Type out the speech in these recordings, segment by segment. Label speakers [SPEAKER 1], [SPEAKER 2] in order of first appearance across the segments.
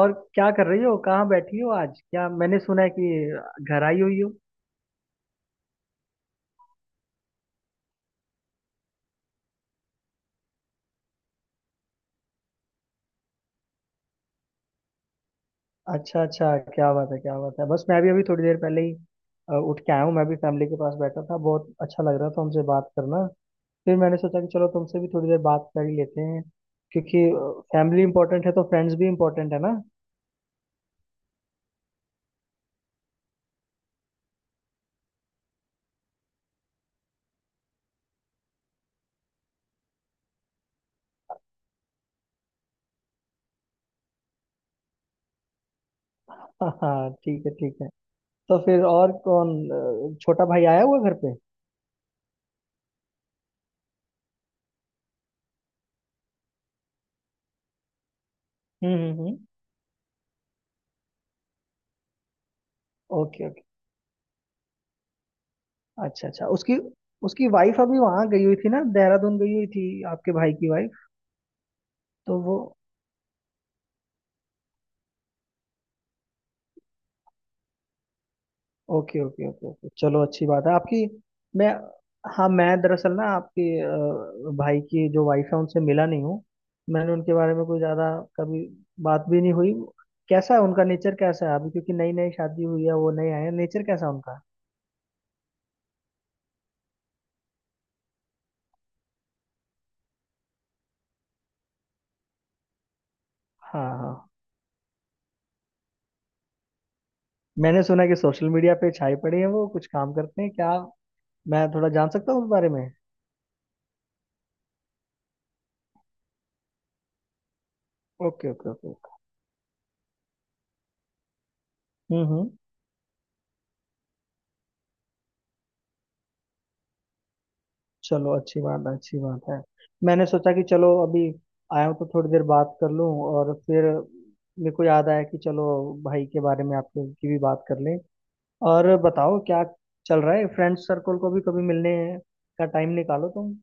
[SPEAKER 1] और क्या कर रही हो? कहाँ बैठी हो आज? क्या मैंने सुना है कि घर आई हुई हो? अच्छा अच्छा, क्या बात है, क्या बात है। बस मैं भी अभी थोड़ी देर पहले ही उठ के आया हूँ। मैं भी फैमिली के पास बैठा था, बहुत अच्छा लग रहा था हमसे बात करना। फिर मैंने सोचा कि चलो तुमसे भी थोड़ी देर बात कर ही लेते हैं, क्योंकि फैमिली इंपॉर्टेंट है तो फ्रेंड्स भी इंपॉर्टेंट है ना। हाँ हाँ, ठीक है ठीक है। तो फिर और कौन, छोटा भाई आया हुआ घर पे? हम्म। ओके। अच्छा अच्छा, उसकी उसकी वाइफ अभी वहां गई हुई थी ना, देहरादून गई हुई थी, आपके भाई की वाइफ? तो वो ओके ओके ओके ओके, चलो अच्छी बात है। आपकी मैं, हाँ मैं दरअसल ना आपके भाई की जो वाइफ है उनसे मिला नहीं हूँ। मैंने उनके बारे में कोई ज्यादा कभी बात भी नहीं हुई। कैसा है उनका नेचर, कैसा है अभी, क्योंकि नई नई शादी हुई है, वो नए आए हैं, नेचर कैसा है उनका? हाँ हाँ, मैंने सुना है कि सोशल मीडिया पे छाई पड़ी है वो, कुछ काम करते हैं क्या? मैं थोड़ा जान सकता हूँ उस बारे में? Okay okay okay okay. हम्म। चलो अच्छी बात है, अच्छी बात है। मैंने सोचा कि चलो अभी आया हूँ तो थोड़ी देर बात कर लूँ, और फिर मेरे को याद आया कि चलो भाई के बारे में आपके की भी बात कर लें। और बताओ क्या चल रहा है? फ्रेंड सर्कल को भी कभी मिलने का टाइम निकालो तुम।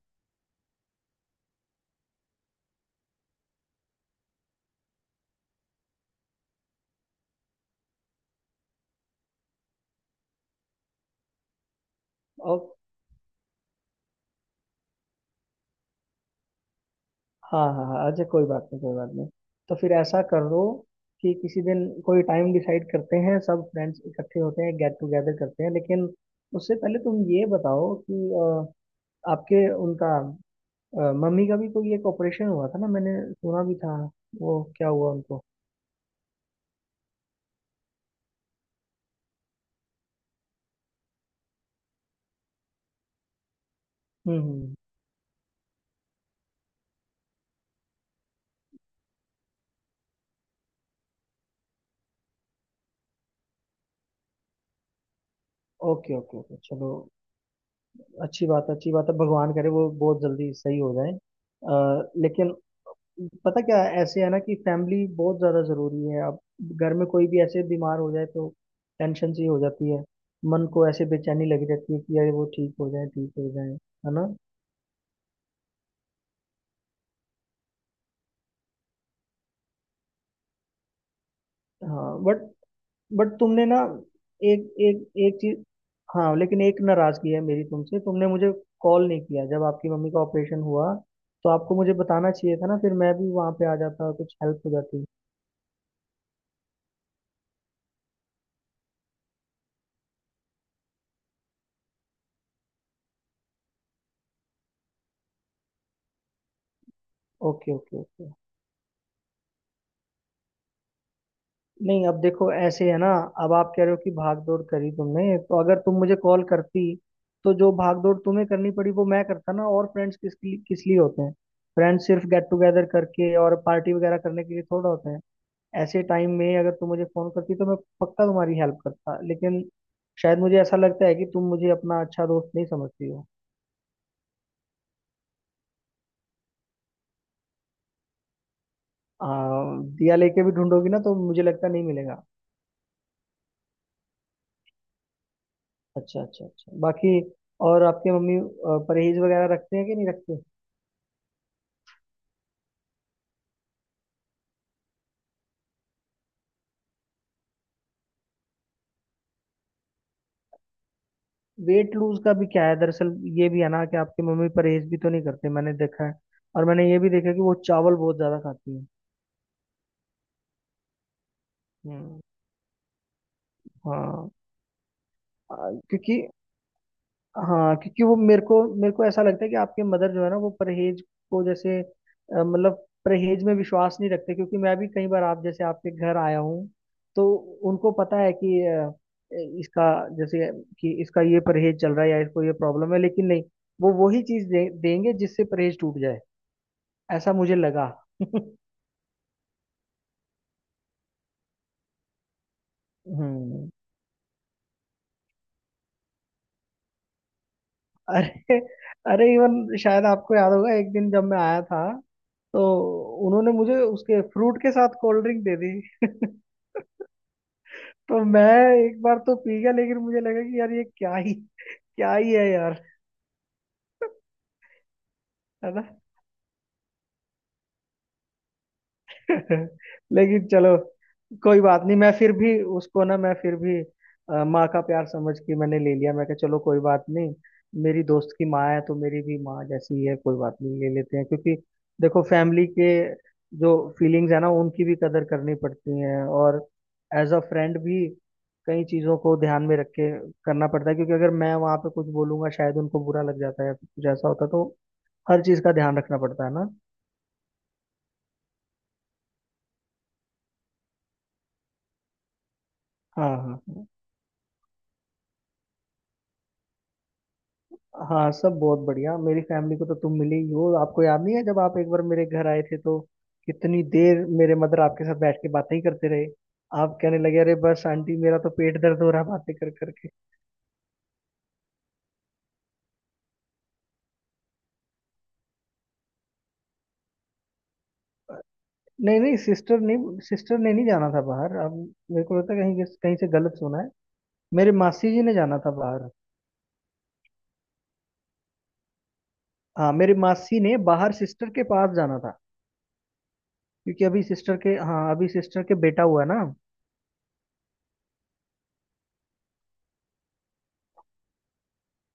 [SPEAKER 1] और हाँ हाँ हाँ, अच्छा कोई बात नहीं, कोई बात नहीं। तो फिर ऐसा कर लो कि किसी दिन कोई टाइम डिसाइड करते हैं, सब फ्रेंड्स इकट्ठे होते हैं, गेट टुगेदर करते हैं। लेकिन उससे पहले तुम ये बताओ कि आपके उनका मम्मी का भी कोई एक ऑपरेशन हुआ था ना, मैंने सुना भी था। वो क्या हुआ उनको? हम्म। ओके ओके ओके, चलो अच्छी बात है, अच्छी बात है। भगवान करे वो बहुत जल्दी सही हो जाए, लेकिन पता क्या है, ऐसे है ना कि फैमिली बहुत ज़्यादा ज़रूरी है। अब घर में कोई भी ऐसे बीमार हो जाए तो टेंशन सी हो जाती है, मन को ऐसे बेचैनी लगी रहती है कि यार वो ठीक हो जाए, ठीक हो जाए। है ना? हाँ, बट तुमने ना, एक एक एक चीज, हाँ लेकिन एक नाराजगी है मेरी तुमसे। तुमने मुझे कॉल नहीं किया जब आपकी मम्मी का ऑपरेशन हुआ। तो आपको मुझे बताना चाहिए था ना, फिर मैं भी वहाँ पे आ जाता, कुछ हेल्प हो जाती। Okay okay okay. नहीं, अब देखो ऐसे है ना, अब आप कह रहे हो कि भाग दौड़ करी तुमने, तो अगर तुम मुझे कॉल करती तो जो भाग दौड़ तुम्हें करनी पड़ी वो मैं करता ना। और फ्रेंड्स किस लिए, किस लिए होते हैं? फ्रेंड्स सिर्फ गेट टुगेदर करके और पार्टी वगैरह करने के लिए थोड़ा होते हैं। ऐसे टाइम में अगर तुम मुझे फोन करती तो मैं पक्का तुम्हारी हेल्प करता, लेकिन शायद मुझे ऐसा लगता है कि तुम मुझे अपना अच्छा दोस्त नहीं समझती हो। आ, दिया लेके भी ढूंढोगी ना तो मुझे लगता नहीं मिलेगा। अच्छा अच्छा अच्छा, बाकी और आपके मम्मी परहेज वगैरह रखते हैं कि नहीं रखते? वेट लूज का भी क्या है दरअसल, ये भी है ना कि आपकी मम्मी परहेज भी तो नहीं करते, मैंने देखा है। और मैंने ये भी देखा कि वो चावल बहुत ज्यादा खाती है। हम्म। हाँ। आ, क्योंकि हाँ, क्योंकि वो मेरे को ऐसा लगता है कि आपके मदर जो है ना वो परहेज को जैसे मतलब परहेज में विश्वास नहीं रखते। क्योंकि मैं भी कई बार आप जैसे आपके घर आया हूँ तो उनको पता है कि इसका जैसे कि इसका ये परहेज चल रहा है या इसको ये प्रॉब्लम है, लेकिन नहीं, वो वही चीज देंगे जिससे परहेज टूट जाए। ऐसा मुझे लगा। हम्म। अरे अरे, इवन शायद आपको याद होगा एक दिन जब मैं आया था तो उन्होंने मुझे उसके फ्रूट के साथ कोल्ड ड्रिंक दे दी। तो मैं एक बार तो पी गया, लेकिन मुझे लगा कि यार ये क्या ही, क्या ही है यार। है ना? लेकिन चलो, कोई बात नहीं, मैं फिर भी उसको ना, मैं फिर भी माँ का प्यार समझ के मैंने ले लिया। मैं कहा चलो कोई बात नहीं, मेरी दोस्त की माँ है तो मेरी भी माँ जैसी ही है, कोई बात नहीं ले लेते हैं। क्योंकि देखो फैमिली के जो फीलिंग्स है ना, उनकी भी कदर करनी पड़ती है। और एज अ फ्रेंड भी कई चीज़ों को ध्यान में रख के करना पड़ता है, क्योंकि अगर मैं वहाँ पे कुछ बोलूंगा शायद उनको बुरा लग जाता है या कुछ ऐसा होता है, तो हर चीज़ का ध्यान रखना पड़ता है ना। हाँ हाँ, हाँ सब बहुत बढ़िया। मेरी फैमिली को तो तुम मिले ही हो, आपको याद नहीं है जब आप एक बार मेरे घर आए थे तो कितनी देर मेरे मदर आपके साथ बैठ के बातें ही करते रहे। आप कहने लगे, अरे बस आंटी, मेरा तो पेट दर्द हो रहा है बातें कर करके। नहीं नहीं, सिस्टर ने नहीं जाना था बाहर। अब मेरे को लगता है कहीं कहीं से गलत सुना है। मेरे मासी जी ने जाना था बाहर। हाँ मेरे मासी ने बाहर सिस्टर के पास जाना था, क्योंकि अभी सिस्टर के, हाँ अभी सिस्टर के बेटा हुआ ना।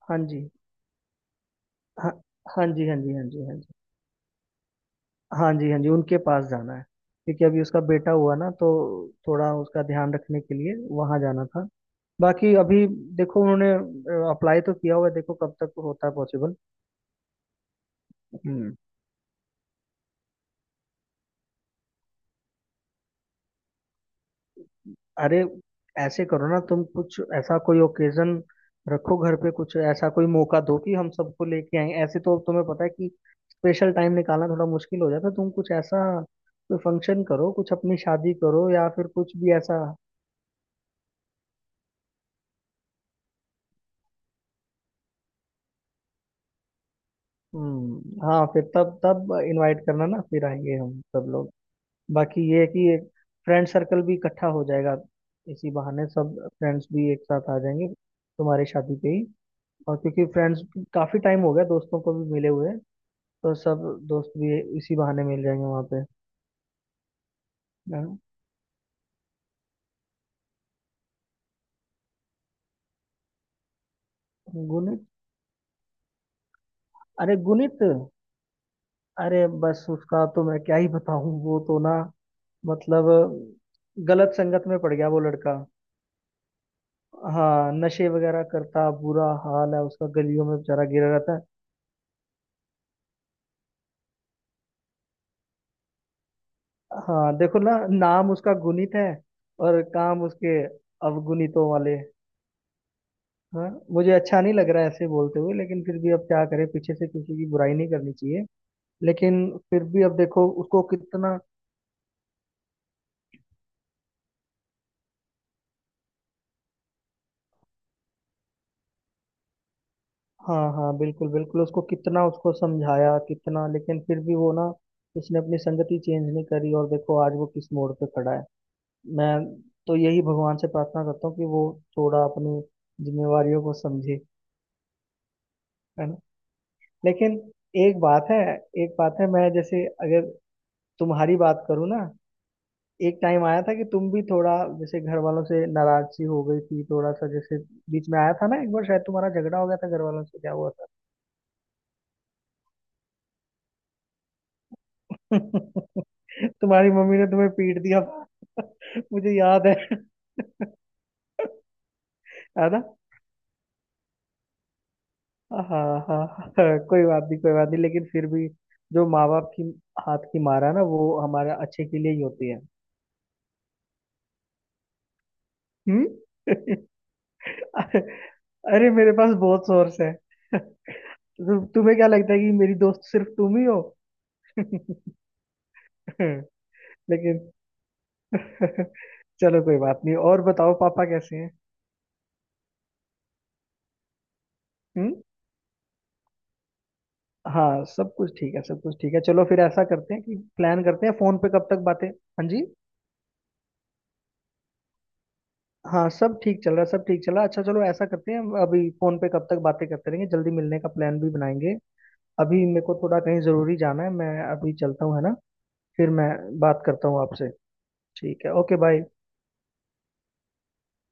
[SPEAKER 1] हाँ जी हाँ, हाँ जी हाँ जी हाँ जी हाँ जी हाँ जी हाँ जी, उनके पास जाना है क्योंकि अभी उसका बेटा हुआ ना, तो थोड़ा उसका ध्यान रखने के लिए वहां जाना था। बाकी अभी देखो, उन्होंने अप्लाई तो किया हुआ है, देखो कब तक होता है पॉसिबल। हम्म। अरे ऐसे करो ना तुम, कुछ ऐसा कोई ओकेजन रखो घर पे, कुछ ऐसा कोई मौका दो कि हम सबको लेके आए। ऐसे तो तुम्हें पता है कि स्पेशल टाइम निकालना थोड़ा मुश्किल हो जाता है। तुम कुछ ऐसा कोई फंक्शन करो, कुछ अपनी शादी करो या फिर कुछ भी ऐसा। हाँ, फिर तब तब इनवाइट करना ना, फिर आएंगे हम सब लोग। बाकी ये है कि एक फ्रेंड सर्कल भी इकट्ठा हो जाएगा, इसी बहाने सब फ्रेंड्स भी एक साथ आ जाएंगे तुम्हारी शादी पे ही। और क्योंकि फ्रेंड्स, काफी टाइम हो गया दोस्तों को भी मिले हुए, तो सब दोस्त भी इसी बहाने मिल जाएंगे वहाँ पे। हाँ, गुणित, अरे गुणित, अरे बस उसका तो मैं क्या ही बताऊँ, वो तो ना मतलब गलत संगत में पड़ गया वो लड़का। हाँ नशे वगैरह करता, बुरा हाल है उसका, गलियों में बेचारा गिरा रहता है। हाँ देखो ना, नाम उसका गुणित है और काम उसके अवगुणितों वाले। हाँ मुझे अच्छा नहीं लग रहा है ऐसे बोलते हुए, लेकिन फिर भी अब क्या करें, पीछे से किसी की बुराई नहीं करनी चाहिए। लेकिन फिर भी अब देखो उसको कितना, हाँ हाँ बिल्कुल बिल्कुल, उसको कितना उसको समझाया कितना, लेकिन फिर भी वो ना, उसने अपनी संगति चेंज नहीं करी और देखो आज वो किस मोड़ पे खड़ा है। मैं तो यही भगवान से प्रार्थना करता हूँ कि वो थोड़ा अपनी जिम्मेवारियों को समझे। है ना? लेकिन एक बात है, एक बात है। मैं जैसे अगर तुम्हारी बात करूँ ना, एक टाइम आया था कि तुम भी थोड़ा जैसे घर वालों से नाराज सी हो गई थी, थोड़ा सा जैसे बीच में आया था ना एक बार, शायद तुम्हारा झगड़ा हो गया था घर वालों से, क्या हुआ था? तुम्हारी मम्मी ने तुम्हें पीट दिया था। मुझे याद है। है ना? हाँ हाँ हाँ, हाँ, कोई बात नहीं, कोई बात नहीं, लेकिन फिर भी जो माँ बाप की हाथ की मारा ना वो हमारे अच्छे के लिए ही होती है। हम्म। अरे मेरे पास बहुत सोर्स है। तुम्हें क्या लगता है कि मेरी दोस्त सिर्फ तुम ही हो? लेकिन चलो कोई बात नहीं। और बताओ पापा कैसे हैं? हम्म। हाँ सब कुछ ठीक है, सब कुछ ठीक है। चलो फिर ऐसा करते हैं कि प्लान करते हैं, फोन पे कब तक बातें। हाँ जी, हाँ सब ठीक चल रहा है, सब ठीक चल रहा है। अच्छा चलो ऐसा करते हैं, हम अभी फोन पे कब तक बातें करते रहेंगे, जल्दी मिलने का प्लान भी बनाएंगे। अभी मेरे को थोड़ा कहीं जरूरी जाना है, मैं अभी चलता हूँ, है ना? फिर मैं बात करता हूँ आपसे। ठीक है, ओके बाय।